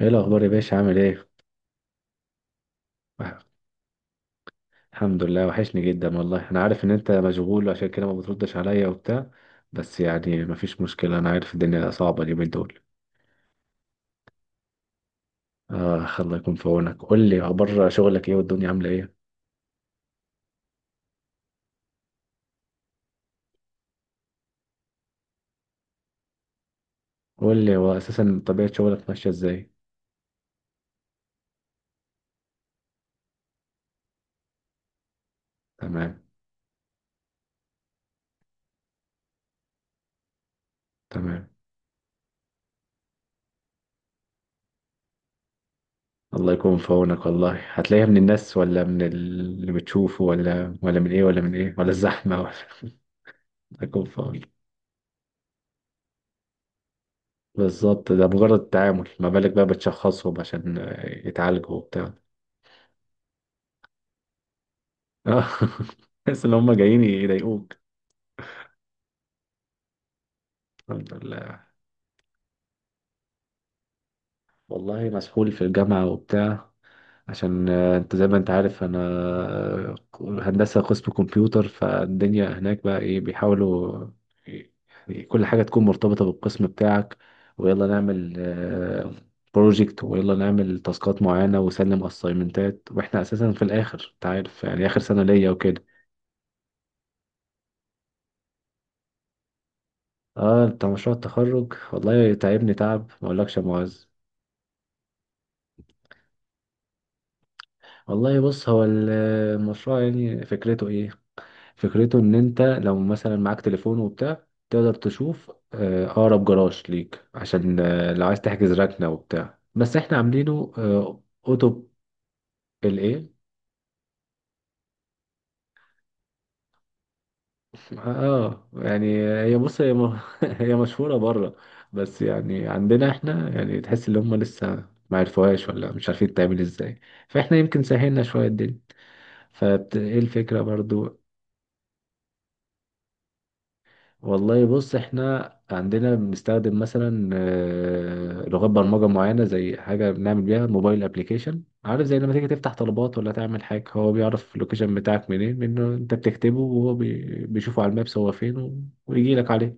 ايه الاخبار يا باشا، عامل ايه؟ وح- الحمد لله، وحشني جدا والله. انا عارف ان انت مشغول عشان كده ما بتردش عليا وبتاع، بس يعني مفيش مشكلة، انا عارف الدنيا صعبة اليومين دول. اه، الله يكون في عونك. قول لي اخبار شغلك ايه والدنيا عاملة ايه. قول لي هو اساسا طبيعة شغلك ماشية ازاي. تمام. تمام. الله يكون في عونك والله. هتلاقيها من الناس ولا من اللي بتشوفه ولا من ايه ولا من ايه ولا الزحمة ولا. الله يكون في عونك. بالظبط، ده مجرد تعامل، ما بالك بقى بتشخصهم عشان يتعالجوا وبتاع. اه. تحس ان هم جايين يضايقوك. الحمد لله. والله مسحول في الجامعة وبتاع، عشان انت زي ما انت عارف انا هندسة قسم كمبيوتر. فالدنيا هناك بقى ايه، بيحاولوا ي- يعني كل حاجة تكون مرتبطة بالقسم بتاعك. ويلا نعمل بروجكت ويلا نعمل تاسكات معينة وسلم اسايمنتات، واحنا اساسا في الاخر انت عارف يعني اخر سنة ليا وكده. اه، بتاع مشروع التخرج والله تعبني تعب ما اقولكش يا معز. والله بص، هو المشروع يعني فكرته ايه. فكرته ان انت لو مثلا معاك تليفون وبتاع تقدر تشوف اقرب جراج ليك، عشان لو عايز تحجز ركنة وبتاع، بس احنا عاملينه اوتو الايه. اه يعني هي بص هي هي مشهورة بره، بس يعني عندنا احنا يعني تحس ان هم لسه ما عرفوهاش ولا مش عارفين تعمل ازاي. فاحنا يمكن سهلنا شوية الدنيا، فايه الفكرة برضو. والله بص احنا عندنا بنستخدم مثلا لغات برمجة معينة، زي حاجة بنعمل بيها موبايل ابليكيشن. عارف زي لما تيجي تفتح طلبات ولا تعمل حاجة، هو بيعرف اللوكيشن بتاعك منين، لأنه انت بتكتبه وهو بيشوفه على المابس هو فين ويجي لك عليه.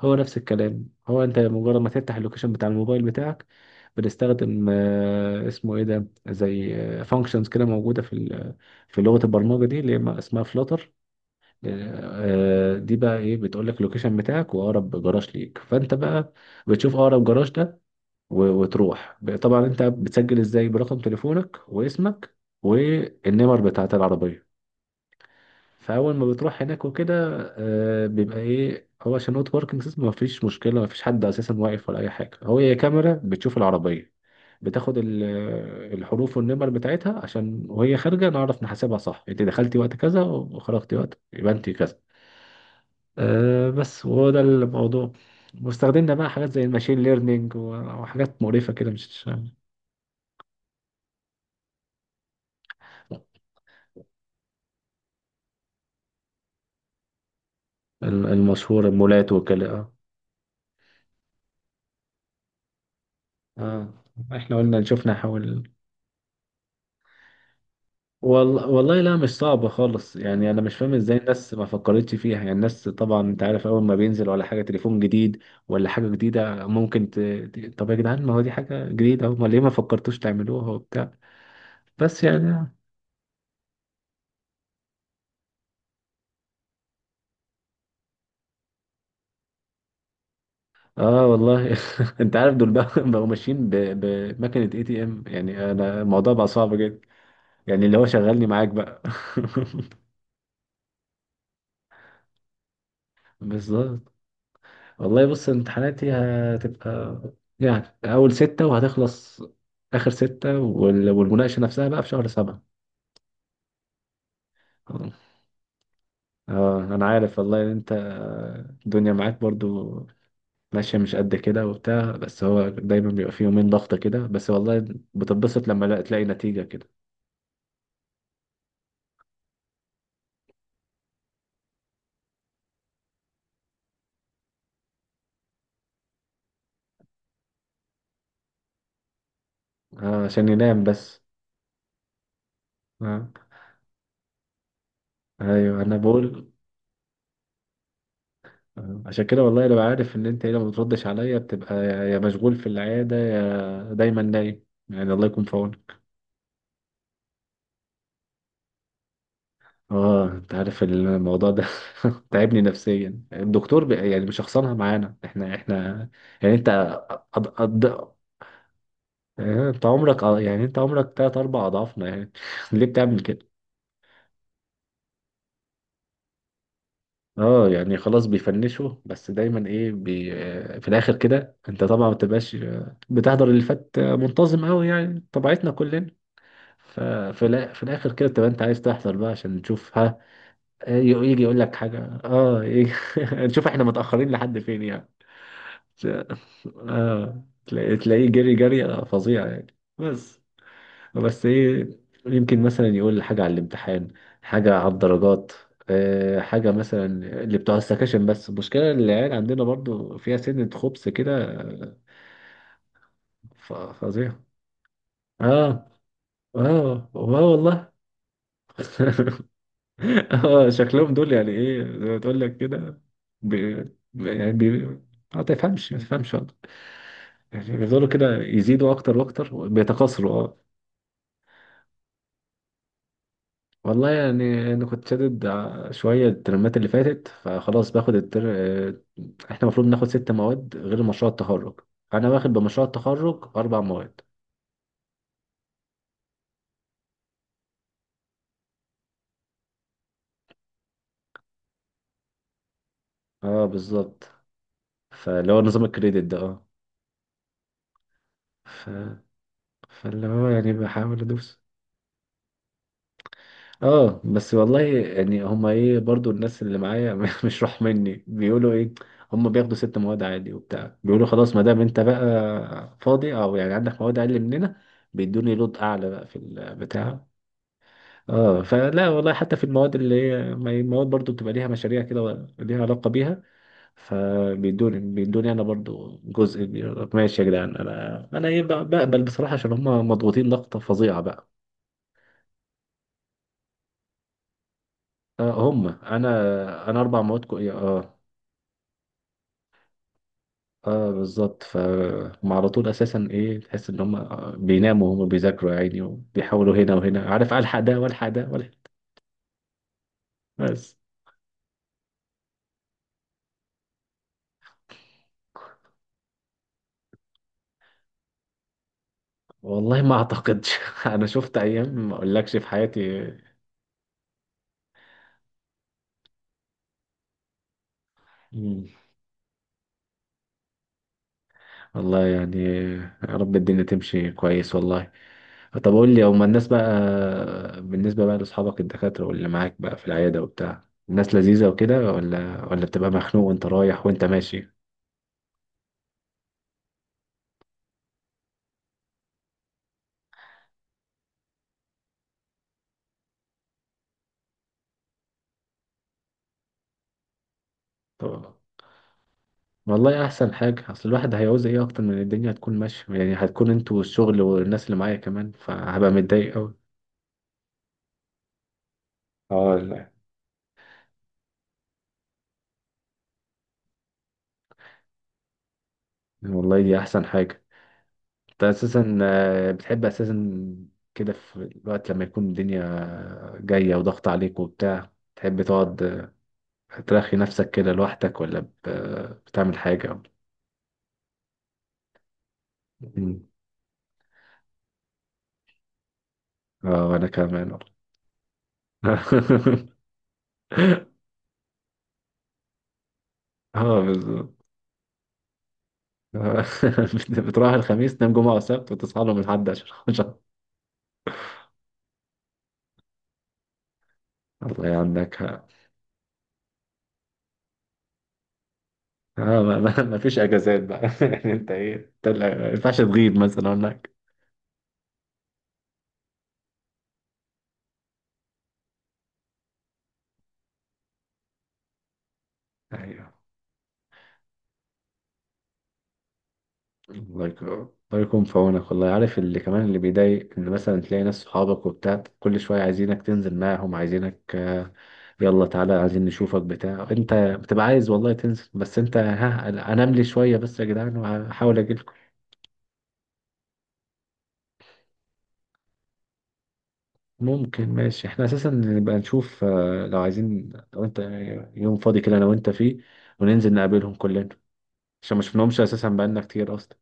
هو نفس الكلام، هو انت مجرد ما تفتح اللوكيشن بتاع الموبايل بتاعك. بنستخدم اسمه ايه ده، زي فانكشنز كده موجودة في لغة البرمجة دي اللي هي اسمها فلاتر. دي بقى ايه، بتقول لك اللوكيشن بتاعك واقرب جراج ليك، فانت بقى بتشوف اقرب جراج ده وتروح طبعا انت بتسجل ازاي برقم تليفونك واسمك والنمر بتاعت العربيه. فاول ما بتروح هناك وكده بيبقى ايه هو، عشان اوت باركنج سيستم مفيش مشكله، مفيش حد اساسا واقف ولا اي حاجه، هو هي كاميرا بتشوف العربيه، بتاخد الحروف والنمر بتاعتها، عشان وهي خارجه نعرف نحاسبها صح. انت دخلتي وقت كذا وخرجتي وقت يبقى انت كذا. بس وهو ده الموضوع. واستخدمنا بقى حاجات زي الماشين ليرنينج وحاجات مقرفة كده، مش المشهورة، المولات وكده. اه، احنا قلنا شفنا حول. والله لا مش صعبة خالص، يعني انا مش فاهم ازاي الناس ما فكرتش فيها. يعني الناس طبعا انت عارف اول ما بينزل ولا حاجة تليفون جديد ولا حاجة جديدة ممكن طب يا جدعان، ما هو دي حاجة جديدة، هم ليه ما فكرتوش تعملوها وبتاع. بس يعني اه والله انت عارف دول بقى بقوا ماشيين بمكنة اي تي ام، يعني انا الموضوع بقى صعب جدا، يعني اللي هو شغلني معاك بقى. بالظبط. والله بص امتحاناتي هتبقى يعني اول ستة وهتخلص اخر ستة والمناقشة نفسها بقى في شهر سبعة. اه انا عارف والله ان انت الدنيا معاك برضو ماشية مش قد كده وبتاع، بس هو دايما بيبقى فيه يومين ضغطة كده بس، والله بتتبسط لما تلاقي نتيجة كده. عشان ينام بس. آه. ايوه انا بقول. آه. عشان كده والله انا عارف ان انت هنا ما بتردش عليا، بتبقى يا مشغول في العياده يا دايما نايم، يعني الله يكون في عونك. اه انت عارف الموضوع ده، تعبني نفسيا، الدكتور يعني مشخصنها معانا، احنا يعني انت أض... أض... آه، انت عمرك يعني انت عمرك تلات اربع اضعافنا يعني، ليه بتعمل كده. اه يعني خلاص بيفنشوا، بس دايما ايه بي آه، في الاخر كده انت طبعا ما بتبقاش بتحضر اللي فات منتظم قوي، يعني طبيعتنا كلنا. ففي في الاخر كده تبقى انت عايز تحضر بقى عشان تشوف ها. يجي يقول لك حاجه. اه يجي نشوف احنا متاخرين لحد فين يعني. اه تلاقيه جري جري فظيع يعني بس. بس ايه، يمكن مثلا يقول لي حاجة على الامتحان، حاجة على الدرجات، حاجة مثلا اللي بتوع السكاشن. بس المشكلة إن العيال عندنا برضو فيها سنة خبث كده، فظيع. اه اه اه والله. اه شكلهم دول يعني ايه زي ما تقول لك كده، بي يعني بي آه، ما تفهمش ما تفهمش والله. يعني بيفضلوا كده يزيدوا اكتر واكتر بيتكاثروا اه. والله يعني انا كنت شادد شويه الترمات اللي فاتت، فخلاص باخد التر... آه، احنا المفروض ناخد ست مواد غير مشروع التخرج. انا واخد بمشروع التخرج اربع مواد. اه بالظبط، فاللي هو نظام الكريدت ده اه. ف... فاللي هو يعني بحاول ادوس. اه بس والله يعني هما ايه برضو الناس اللي معايا، مش راح مني بيقولوا ايه، هما بياخدوا ست مواد عادي وبتاع، بيقولوا خلاص ما دام انت بقى فاضي او يعني عندك مواد اقل مننا، بيدوني لود اعلى بقى في البتاع. اه فلا والله حتى في المواد اللي هي، ما هي المواد برضو بتبقى ليها مشاريع كده ليها علاقة بيها. فبيدوني انا برضو جزء كبير. ماشي يا جدعان، انا ايه بقبل بصراحة عشان هم مضغوطين ضغطة فظيعة بقى. آه هم، انا اربع مواد اه. اه بالظبط، فهم على طول اساسا ايه، تحس ان هم بيناموا وهم بيذاكروا يا عيني، وبيحاولوا هنا وهنا، عارف الحق ده والحق ده والحق. بس والله ما اعتقدش، انا شفت ايام ما اقولكش في حياتي. والله يعني يا رب الدنيا تمشي كويس والله. طب قول لي هما الناس بقى، بالنسبة بقى لأصحابك الدكاترة واللي معاك بقى في العيادة وبتاع، الناس لذيذة وكده ولا بتبقى مخنوق وانت رايح وانت ماشي. طب والله أحسن حاجة، أصل الواحد هيعوز إيه أكتر من الدنيا هتكون ماشية، يعني هتكون أنتوا والشغل والناس اللي معايا كمان، فهبقى متضايق أوي. اه لا والله دي أحسن حاجة. انت اساسا بتحب اساسا كده في الوقت لما يكون الدنيا جاية وضغط عليك وبتاع تحب تقعد ترخي نفسك كده لوحدك، ولا بتعمل حاجة. مم. اه وانا كمان والله. اه بالظبط. آه، بتروح الخميس تنام جمعة وسبت وتصحى لهم الحد، عشان الله يعينك اه. ما فيش اجازات بقى، يعني انت ايه، انت ما ينفعش تغيب مثلا هناك. ايوه. الله يكون في عونك والله. عارف اللي كمان اللي بيضايق ان مثلا تلاقي ناس صحابك وبتاع كل شويه عايزينك تنزل معاهم، عايزينك يلا تعالى عايزين نشوفك بتاع، انت بتبقى عايز والله تنزل، بس انت ها انام لي شويه بس يا جدعان وهحاول اجيلكم. ممكن، ماشي احنا اساسا نبقى نشوف لو عايزين، لو انت يوم فاضي كده انا وانت فيه وننزل نقابلهم كلنا، عشان ما شفناهمش اساسا بقالنا كتير اصلا.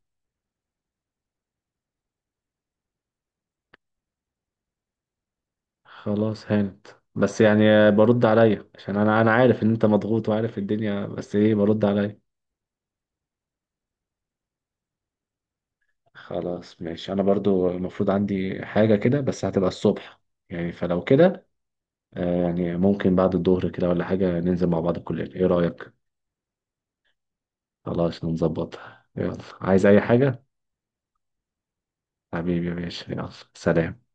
خلاص هانت، بس يعني برد عليا عشان انا عارف ان انت مضغوط وعارف الدنيا، بس ايه برد عليا. خلاص ماشي، انا برضو المفروض عندي حاجة كده بس هتبقى الصبح يعني، فلو كده يعني ممكن بعد الظهر كده ولا حاجة ننزل مع بعض الكلية، ايه رأيك. خلاص نظبطها يلا، عايز اي حاجة. حبيبي يا باشا يلا سلام.